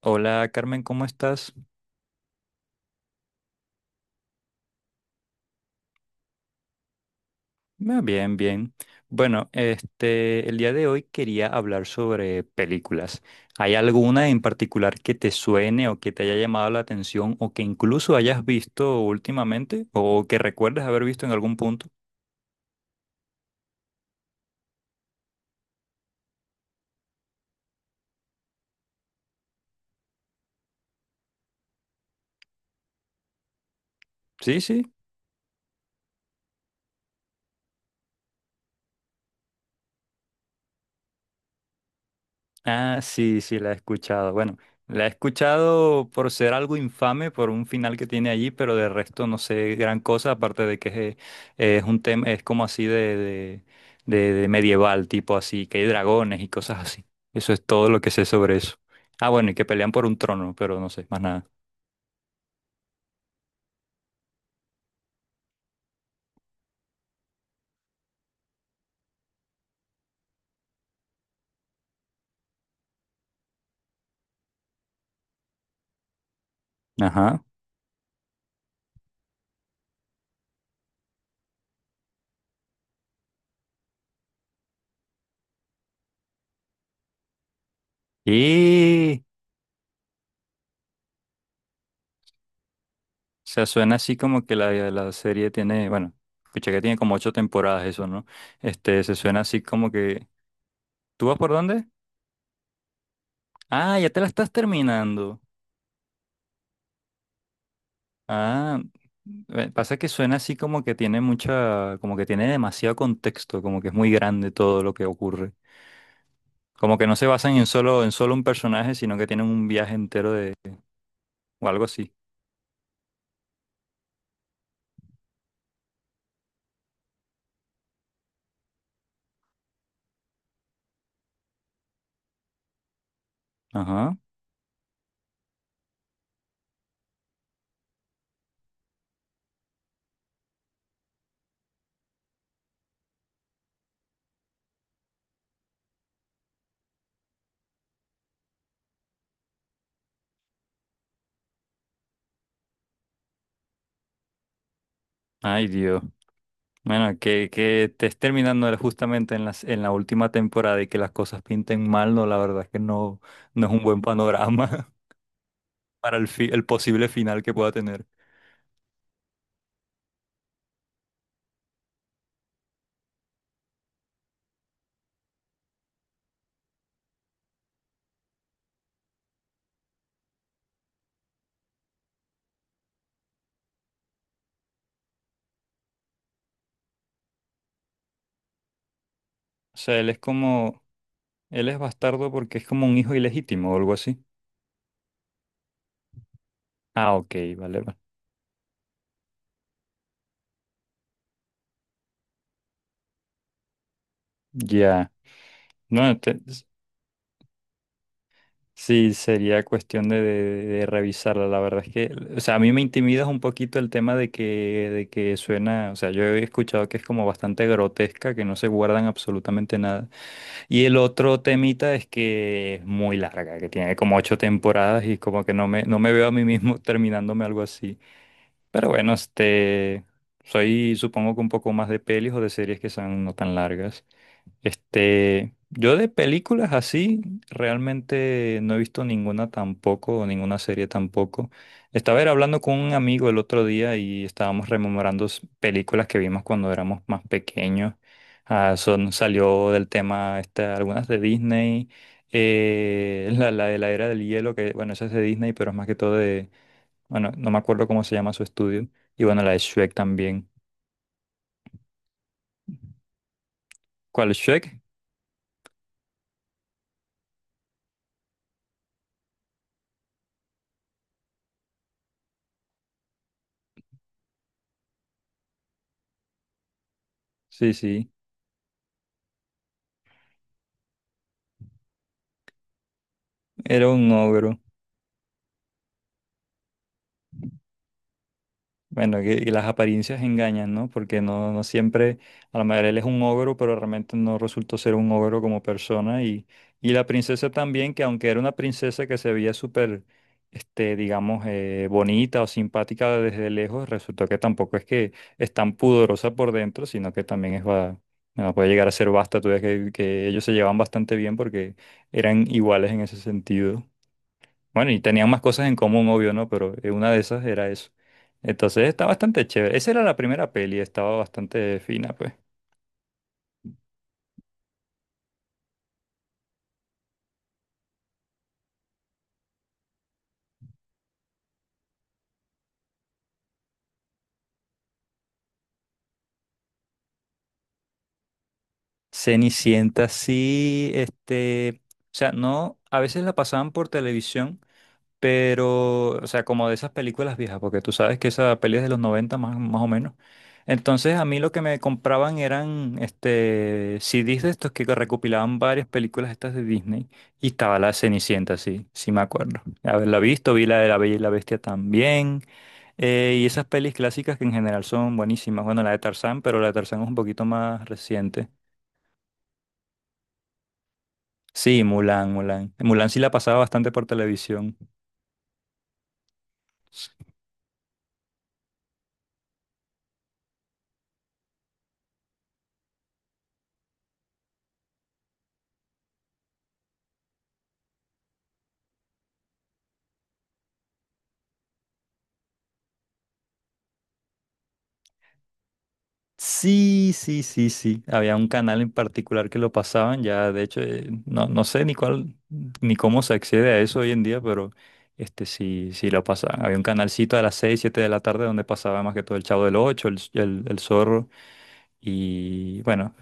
Hola Carmen, ¿cómo estás? Ah, bien, bien. Bueno, el día de hoy quería hablar sobre películas. ¿Hay alguna en particular que te suene o que te haya llamado la atención o que incluso hayas visto últimamente o que recuerdes haber visto en algún punto? Sí, sí. Ah, sí, sí, la he escuchado. Bueno, la he escuchado por ser algo infame, por un final que tiene allí, pero de resto no sé gran cosa, aparte de que es un tema, es como así de medieval, tipo así, que hay dragones y cosas así. Eso es todo lo que sé sobre eso. Ah, bueno, y que pelean por un trono, pero no sé más nada. Ajá. Y, o sea, suena así como que la serie tiene, bueno, escuché que tiene como ocho temporadas eso, ¿no? Este, se suena así como que... ¿Tú vas por dónde? Ah, ya te la estás terminando. Ah, pasa que suena así como que tiene mucha, como que tiene demasiado contexto, como que es muy grande todo lo que ocurre. Como que no se basan en solo un personaje, sino que tienen un viaje entero de, o algo así. Ajá. Ay, Dios. Bueno, que te estés terminando justamente en las, en la última temporada y que las cosas pinten mal, no, la verdad es que no, no es un buen panorama para el, fi- el posible final que pueda tener. O sea, él es como, él es bastardo porque es como un hijo ilegítimo o algo así. Ah, ok, vale, va- Ya. No, te- sí, sería cuestión de revisarla. La verdad es que, o sea, a mí me intimida un poquito el tema de que suena, o sea, yo he escuchado que es como bastante grotesca, que no se guardan absolutamente nada. Y el otro temita es que es muy larga, que tiene como ocho temporadas y como que no me, no me veo a mí mismo terminándome algo así. Pero bueno, este, soy supongo que un poco más de pelis o de series que son no tan largas. Este, yo de películas así realmente no he visto ninguna tampoco, o ninguna serie tampoco. Estaba era hablando con un amigo el otro día y estábamos rememorando s- películas que vimos cuando éramos más pequeños. Ah, son, salió del tema esta- algunas de Disney, la de la era del hielo, que bueno, esa es de Disney, pero es más que todo bueno, no me acuerdo cómo se llama su estudio. Y bueno, la de Shrek también. ¿Cuál? ¿Shrek? Sí, sí. Era un ogro. Bueno, que- y las apariencias engañan, ¿no? Porque no, no siempre, a la mayoría él es un ogro, pero realmente no resultó ser un ogro como persona. Y la princesa también, que aunque era una princesa que se veía súper, digamos, bonita o simpática desde lejos, resultó que tampoco es que es tan pudorosa por dentro, sino que también es, va, bueno, puede llegar a ser basta. Tú ves que ellos se llevan bastante bien porque eran iguales en ese sentido. Bueno, y tenían más cosas en común, obvio, ¿no? Pero una de esas era eso. Entonces está bastante chévere. Esa era la primera peli, estaba bastante fina, pues. Cenicienta, sí, o sea, no, a veces la pasaban por televisión. Pero, o sea, como de esas películas viejas, porque tú sabes que esa peli es de los 90 más, más o menos. Entonces a mí lo que me compraban eran este, CDs de estos que recopilaban varias películas estas de Disney y estaba la Cenicienta, sí, sí me acuerdo. Haberla visto, vi la de La Bella y la Bestia también. Y esas pelis clásicas que en general son buenísimas. Bueno, la de Tarzán, pero la de Tarzán es un poquito más reciente. Sí, Mulan. Mulan sí la pasaba bastante por televisión. Sí, sí, sí, sí. Había un canal en particular que lo pasaban, ya de hecho, no, no sé ni cuál, ni cómo se accede a eso hoy en día, pero este sí, sí lo pasaban. Había un canalcito a las 6, 7 de la tarde donde pasaba más que todo el Chavo del Ocho, el Zorro y bueno,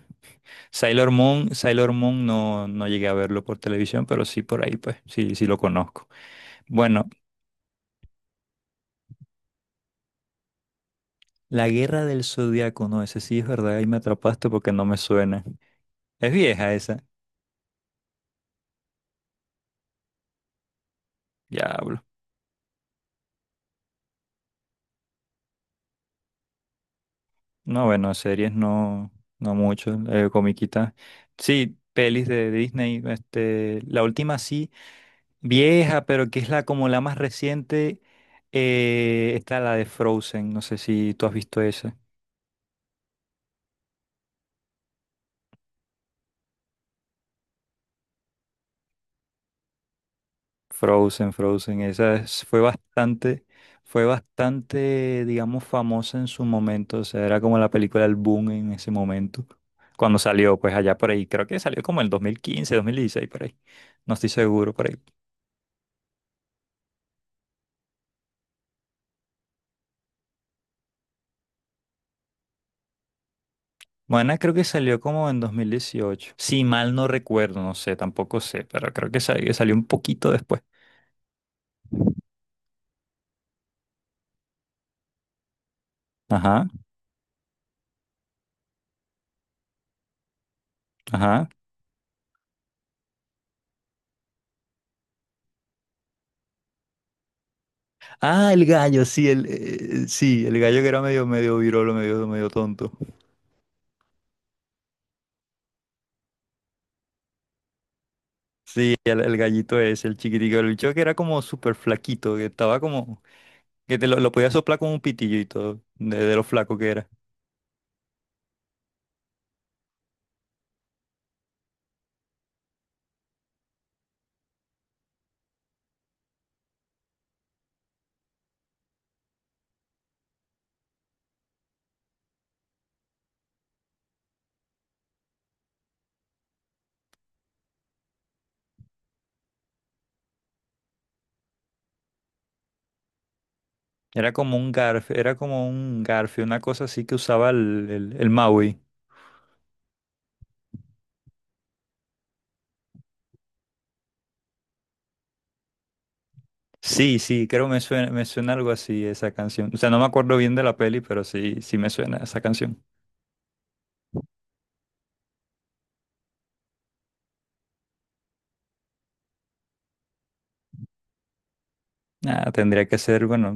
Sailor Moon no, no llegué a verlo por televisión, pero sí por ahí, pues, sí, sí lo conozco. Bueno, La Guerra del Zodiaco, no, ese sí es verdad, ahí me atrapaste porque no me suena. Es vieja esa, ya. No, bueno, series no, no mucho, comiquitas. Sí, pelis de Disney, la última sí, vieja, pero que es la como la más reciente, está la de Frozen, no sé si tú has visto esa. Frozen, esa es- fue bastante, digamos, famosa en su momento, o sea, era como la película del boom en ese momento, cuando salió, pues allá por ahí, creo que salió como el dos mil quince, 2016 por ahí, no estoy seguro, por ahí. Moana creo que salió como en 2018. Si mal no recuerdo, no sé, tampoco sé, pero creo que sal- que salió un poquito después. Ajá, ajá. Ah, el gallo, sí, el gallo que era medio, medio virolo, medio, medio tonto. Sí, el gallito es el chiquitico, el bicho que era como súper flaquito, que estaba como, que te lo podía soplar con un pitillo y todo, de lo flaco que era. Era como un garf, era como un garfio, una cosa así que usaba el Maui. Sí, sí, creo me suena algo así esa canción. O sea, no me acuerdo bien de la peli, pero sí, sí me suena esa canción. Ah, tendría que ser, bueno,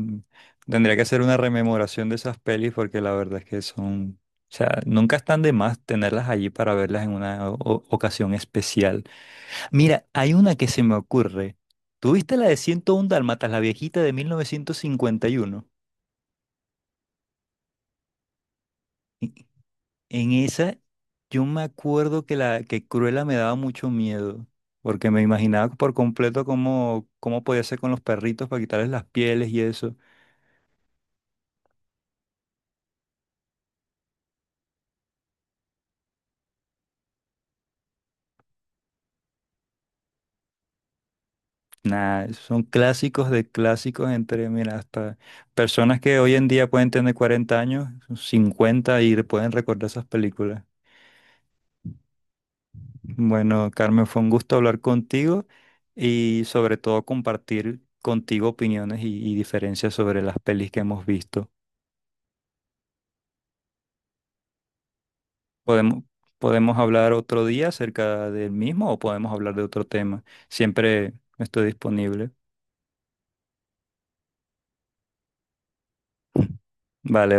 tendría que ser una rememoración de esas pelis porque la verdad es que son, o sea, nunca están de más tenerlas allí para verlas en una o- ocasión especial. Mira, hay una que se me ocurre. ¿Tuviste la de 101 Dálmatas, la viejita de 1951? En esa, yo me acuerdo que la que Cruella me daba mucho miedo, porque me imaginaba por completo cómo, cómo podía ser con los perritos para quitarles las pieles y eso. Nada, son clásicos de clásicos entre, mira, hasta personas que hoy en día pueden tener 40 años, 50 y pueden recordar esas películas. Bueno, Carmen, fue un gusto hablar contigo y sobre todo compartir contigo opiniones y diferencias sobre las pelis que hemos visto. Podemos, podemos hablar otro día acerca del mismo o podemos hablar de otro tema. Siempre estoy disponible. Vale.